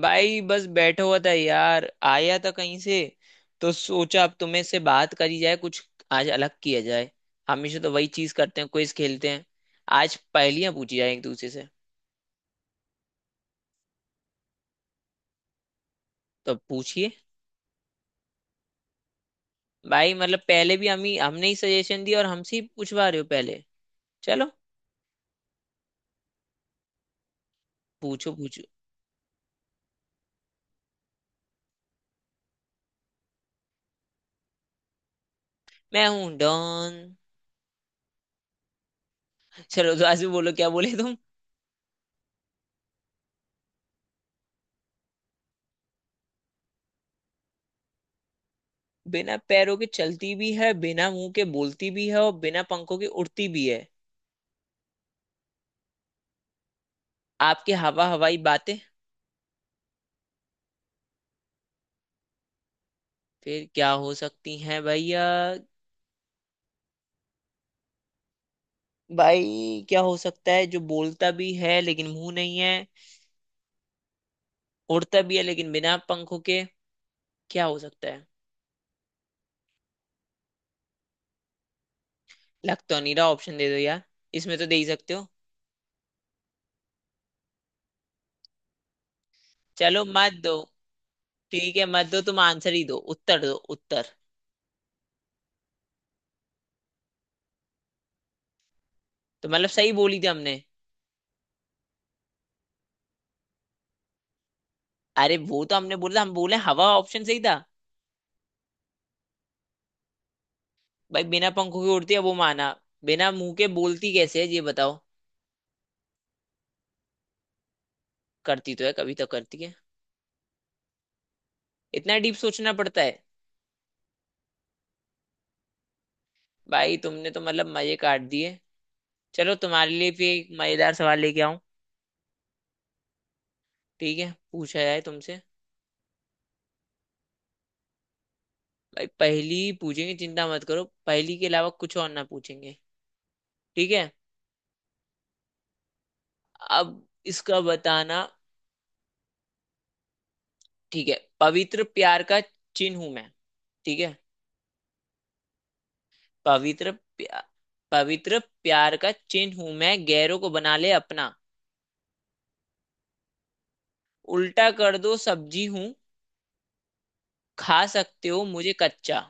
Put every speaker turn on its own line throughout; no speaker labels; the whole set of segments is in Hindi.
भाई बस बैठा हुआ था यार, आया था कहीं से। तो सोचा अब तुम्हें से बात करी जाए कुछ। आज अलग किया जाए। हमेशा तो वही चीज करते हैं, क्विज खेलते हैं। आज पहेलियां पूछी जाए एक दूसरे से। तो पूछिए। भाई मतलब पहले भी हम ही, हमने ही सजेशन दिया और हमसे ही पूछवा रहे हो पहले। चलो। पूछो पूछो। मैं हूं डॉन। चलो तो आज भी बोलो, क्या बोले तुम। बिना पैरों के चलती भी है, बिना मुंह के बोलती भी है, और बिना पंखों के उड़ती भी है। आपकी हवा हवाई बातें। फिर क्या हो सकती हैं भैया। भाई क्या हो सकता है जो बोलता भी है लेकिन मुंह नहीं है, उड़ता भी है लेकिन बिना पंखों के। क्या हो सकता है। लग तो नहीं रहा, ऑप्शन दे दो यार। इसमें तो दे ही सकते हो। चलो मत दो। ठीक है मत दो, तुम आंसर ही दो, उत्तर दो उत्तर। तो मतलब सही बोली थी हमने। अरे वो तो हमने बोला, हम बोले हवा ऑप्शन सही था। भाई बिना पंखों के उड़ती है वो माना। बिना मुंह के बोलती कैसे है, ये बताओ। करती तो है, कभी तो करती है। इतना डीप सोचना पड़ता है। भाई तुमने तो मतलब मजे काट दिए। चलो तुम्हारे लिए भी एक मजेदार सवाल लेके आऊं। ठीक है, पूछा जाए तुमसे। भाई पहेली ही पूछेंगे, चिंता मत करो, पहेली के अलावा कुछ और ना पूछेंगे। ठीक है। अब इसका बताना। ठीक है, पवित्र प्यार का चिन्ह हूं मैं। ठीक है। पवित्र प्या, पवित्र प्यार का चिन्ह हूं मैं, गैरों को बना ले अपना। उल्टा कर दो सब्जी हूं। खा सकते हो मुझे कच्चा।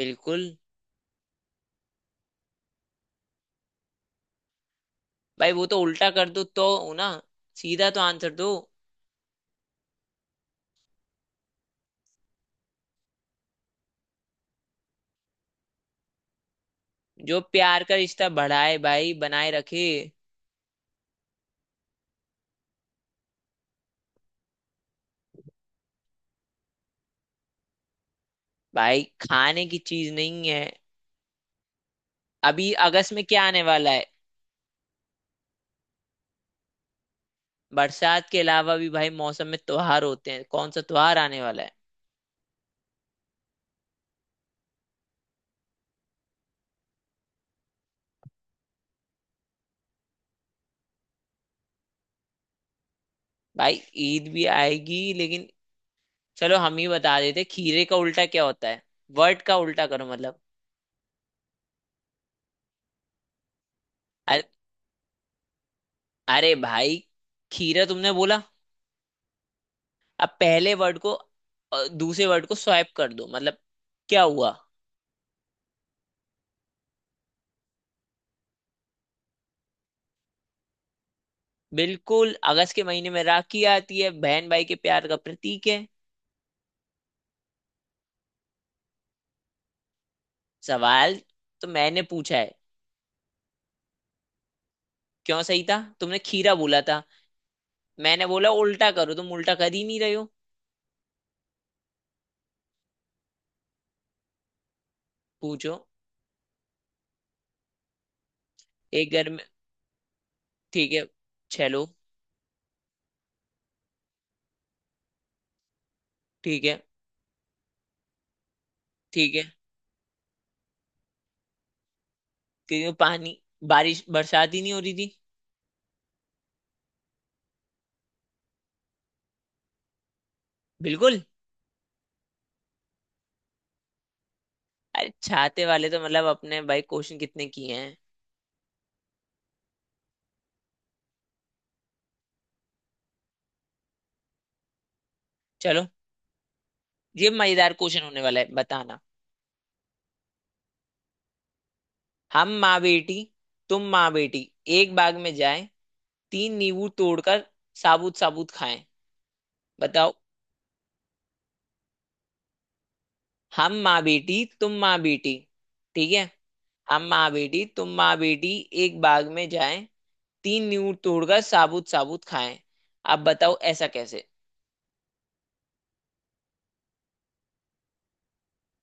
बिल्कुल। भाई वो तो उल्टा कर दो तो हो ना। सीधा तो आंसर दो। जो प्यार का रिश्ता बढ़ाए भाई, बनाए रखे। भाई खाने की चीज नहीं है। अभी अगस्त में क्या आने वाला है। बरसात के अलावा भी भाई मौसम में त्योहार होते हैं, कौन सा त्योहार आने वाला है। भाई ईद भी आएगी, लेकिन चलो हम ही बता देते, खीरे का उल्टा क्या होता है। वर्ड का उल्टा करो मतलब। अरे। अरे भाई। खीरा तुमने बोला। अब पहले वर्ड को दूसरे वर्ड को स्वैप कर दो मतलब। क्या हुआ। बिल्कुल अगस्त के महीने में राखी आती है, बहन भाई के प्यार का प्रतीक है। सवाल तो मैंने पूछा है। क्यों सही था, तुमने खीरा बोला था। मैंने बोला उल्टा करो, तुम उल्टा कर ही नहीं रहे हो। पूछो। एक घर में। ठीक है। छह लोग। ठीक है। ठीक है। क्यों, पानी। बारिश बरसात ही नहीं हो रही थी। बिल्कुल। अरे छाते वाले तो मतलब, अपने भाई क्वेश्चन कितने किए हैं। चलो ये मजेदार क्वेश्चन होने वाला है, बताना। हम माँ बेटी तुम माँ बेटी एक बाग में जाए, तीन नींबू तोड़कर साबुत साबुत खाएं। बताओ। हम माँ बेटी तुम माँ बेटी। ठीक है। हम माँ बेटी तुम माँ बेटी एक बाग में जाएं, तीन नींव तोड़कर साबुत साबुत खाएं। अब बताओ ऐसा कैसे।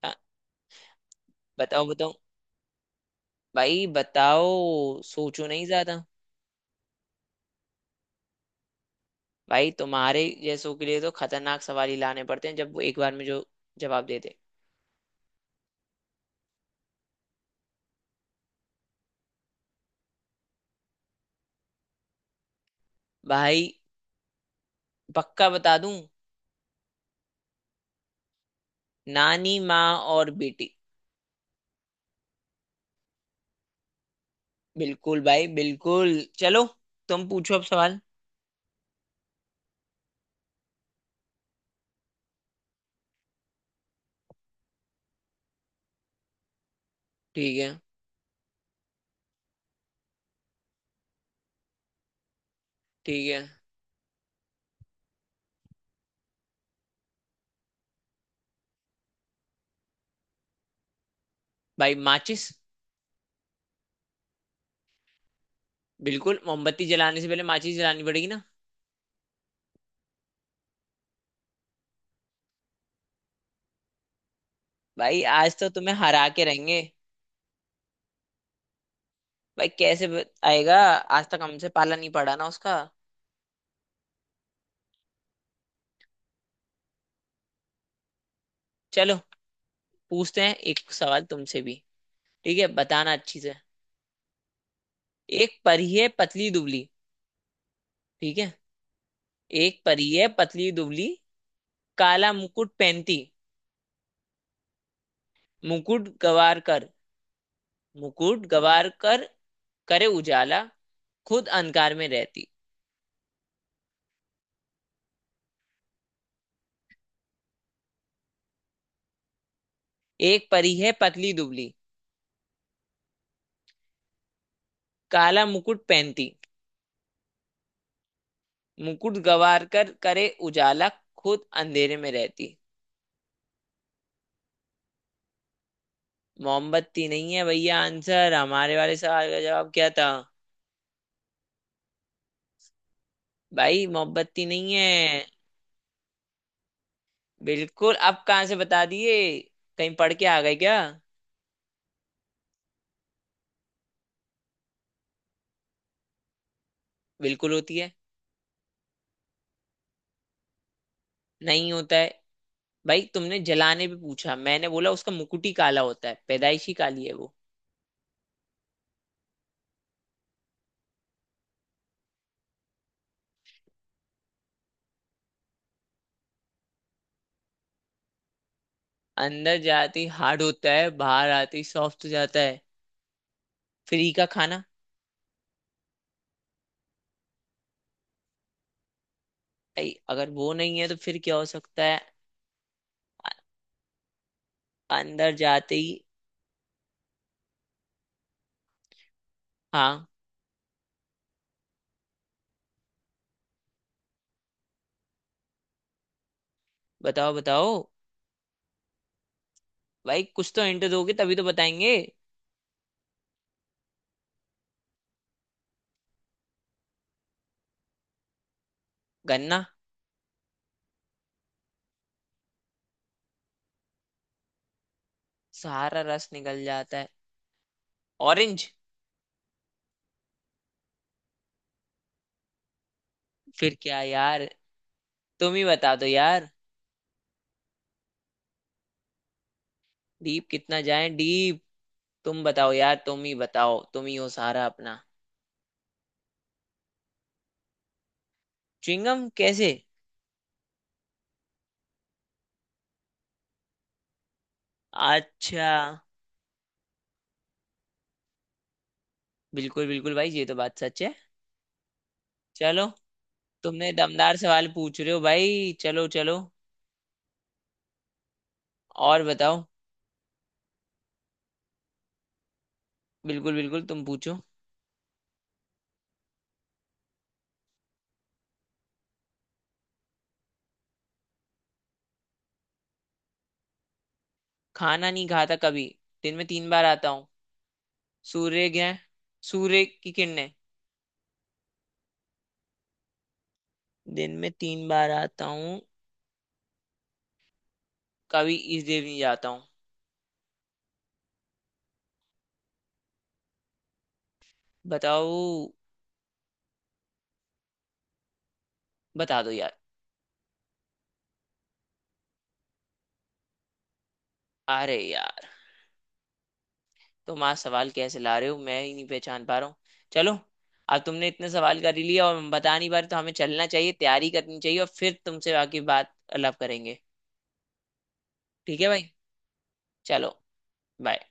हाँ, बताओ बताओ। भाई बताओ। सोचो नहीं ज्यादा। भाई तुम्हारे जैसों के लिए तो खतरनाक सवाल ही लाने पड़ते हैं, जब वो एक बार में जो जवाब देते। भाई पक्का बता दूं। नानी माँ और बेटी। बिल्कुल भाई बिल्कुल। चलो तुम पूछो अब सवाल। ठीक है। ठीक है भाई, माचिस। बिल्कुल, मोमबत्ती जलाने से पहले माचिस जलानी पड़ेगी ना। भाई आज तो तुम्हें हरा के रहेंगे। भाई कैसे आएगा। आज तक हमसे पाला नहीं पड़ा ना उसका। चलो पूछते हैं एक सवाल तुमसे भी। ठीक है बताना अच्छी से। एक परी है पतली दुबली। ठीक है। एक परी है पतली दुबली, काला मुकुट पहनती। मुकुट गवार कर मुकुट गवार कर करे उजाला, खुद अंधकार में रहती। एक परी है पतली दुबली, काला मुकुट पहनती, मुकुट गवारकर करे उजाला, खुद अंधेरे में रहती। मोमबत्ती नहीं है भैया, आंसर हमारे वाले सवाल का जवाब क्या था। भाई मोमबत्ती नहीं है। बिल्कुल, अब कहाँ से बता दिए, कहीं पढ़ के आ गए क्या। बिल्कुल होती है। नहीं होता है। भाई तुमने जलाने भी पूछा, मैंने बोला उसका मुकुट ही काला होता है, पैदाइशी काली है वो। अंदर जाते ही हार्ड होता है, बाहर आते ही सॉफ्ट हो जाता है। फ्री का खाना। भाई अगर वो नहीं है तो फिर क्या हो सकता है। अंदर जाते ही। हाँ। बताओ बताओ। भाई कुछ तो हिंट दोगे, तभी तो बताएंगे। गन्ना। सारा रस निकल जाता है। ऑरेंज। फिर क्या यार, तुम ही बता दो यार। डीप कितना जाए डीप। तुम बताओ यार, तुम ही बताओ, तुम ही हो सारा अपना। च्युइंगम कैसे। अच्छा। बिल्कुल बिल्कुल भाई, ये तो बात सच है। चलो, तुमने दमदार सवाल पूछ रहे हो भाई, चलो चलो। और बताओ। बिल्कुल बिल्कुल तुम पूछो। खाना नहीं खाता कभी। दिन में तीन बार आता हूँ। सूर्य ग्रहण। सूर्य की किरणें। दिन में तीन बार आता हूँ, कभी इस देव नहीं जाता हूँ। बताओ। बता दो यार। अरे यार। तुम आज सवाल कैसे ला रहे हो, मैं ही नहीं पहचान पा रहा हूँ। चलो। अब तुमने इतने सवाल कर ही लिया और हम बता नहीं पा रहे, तो हमें चलना चाहिए, तैयारी करनी चाहिए और फिर तुमसे आगे बात अलग करेंगे। ठीक है भाई। चलो। बाय।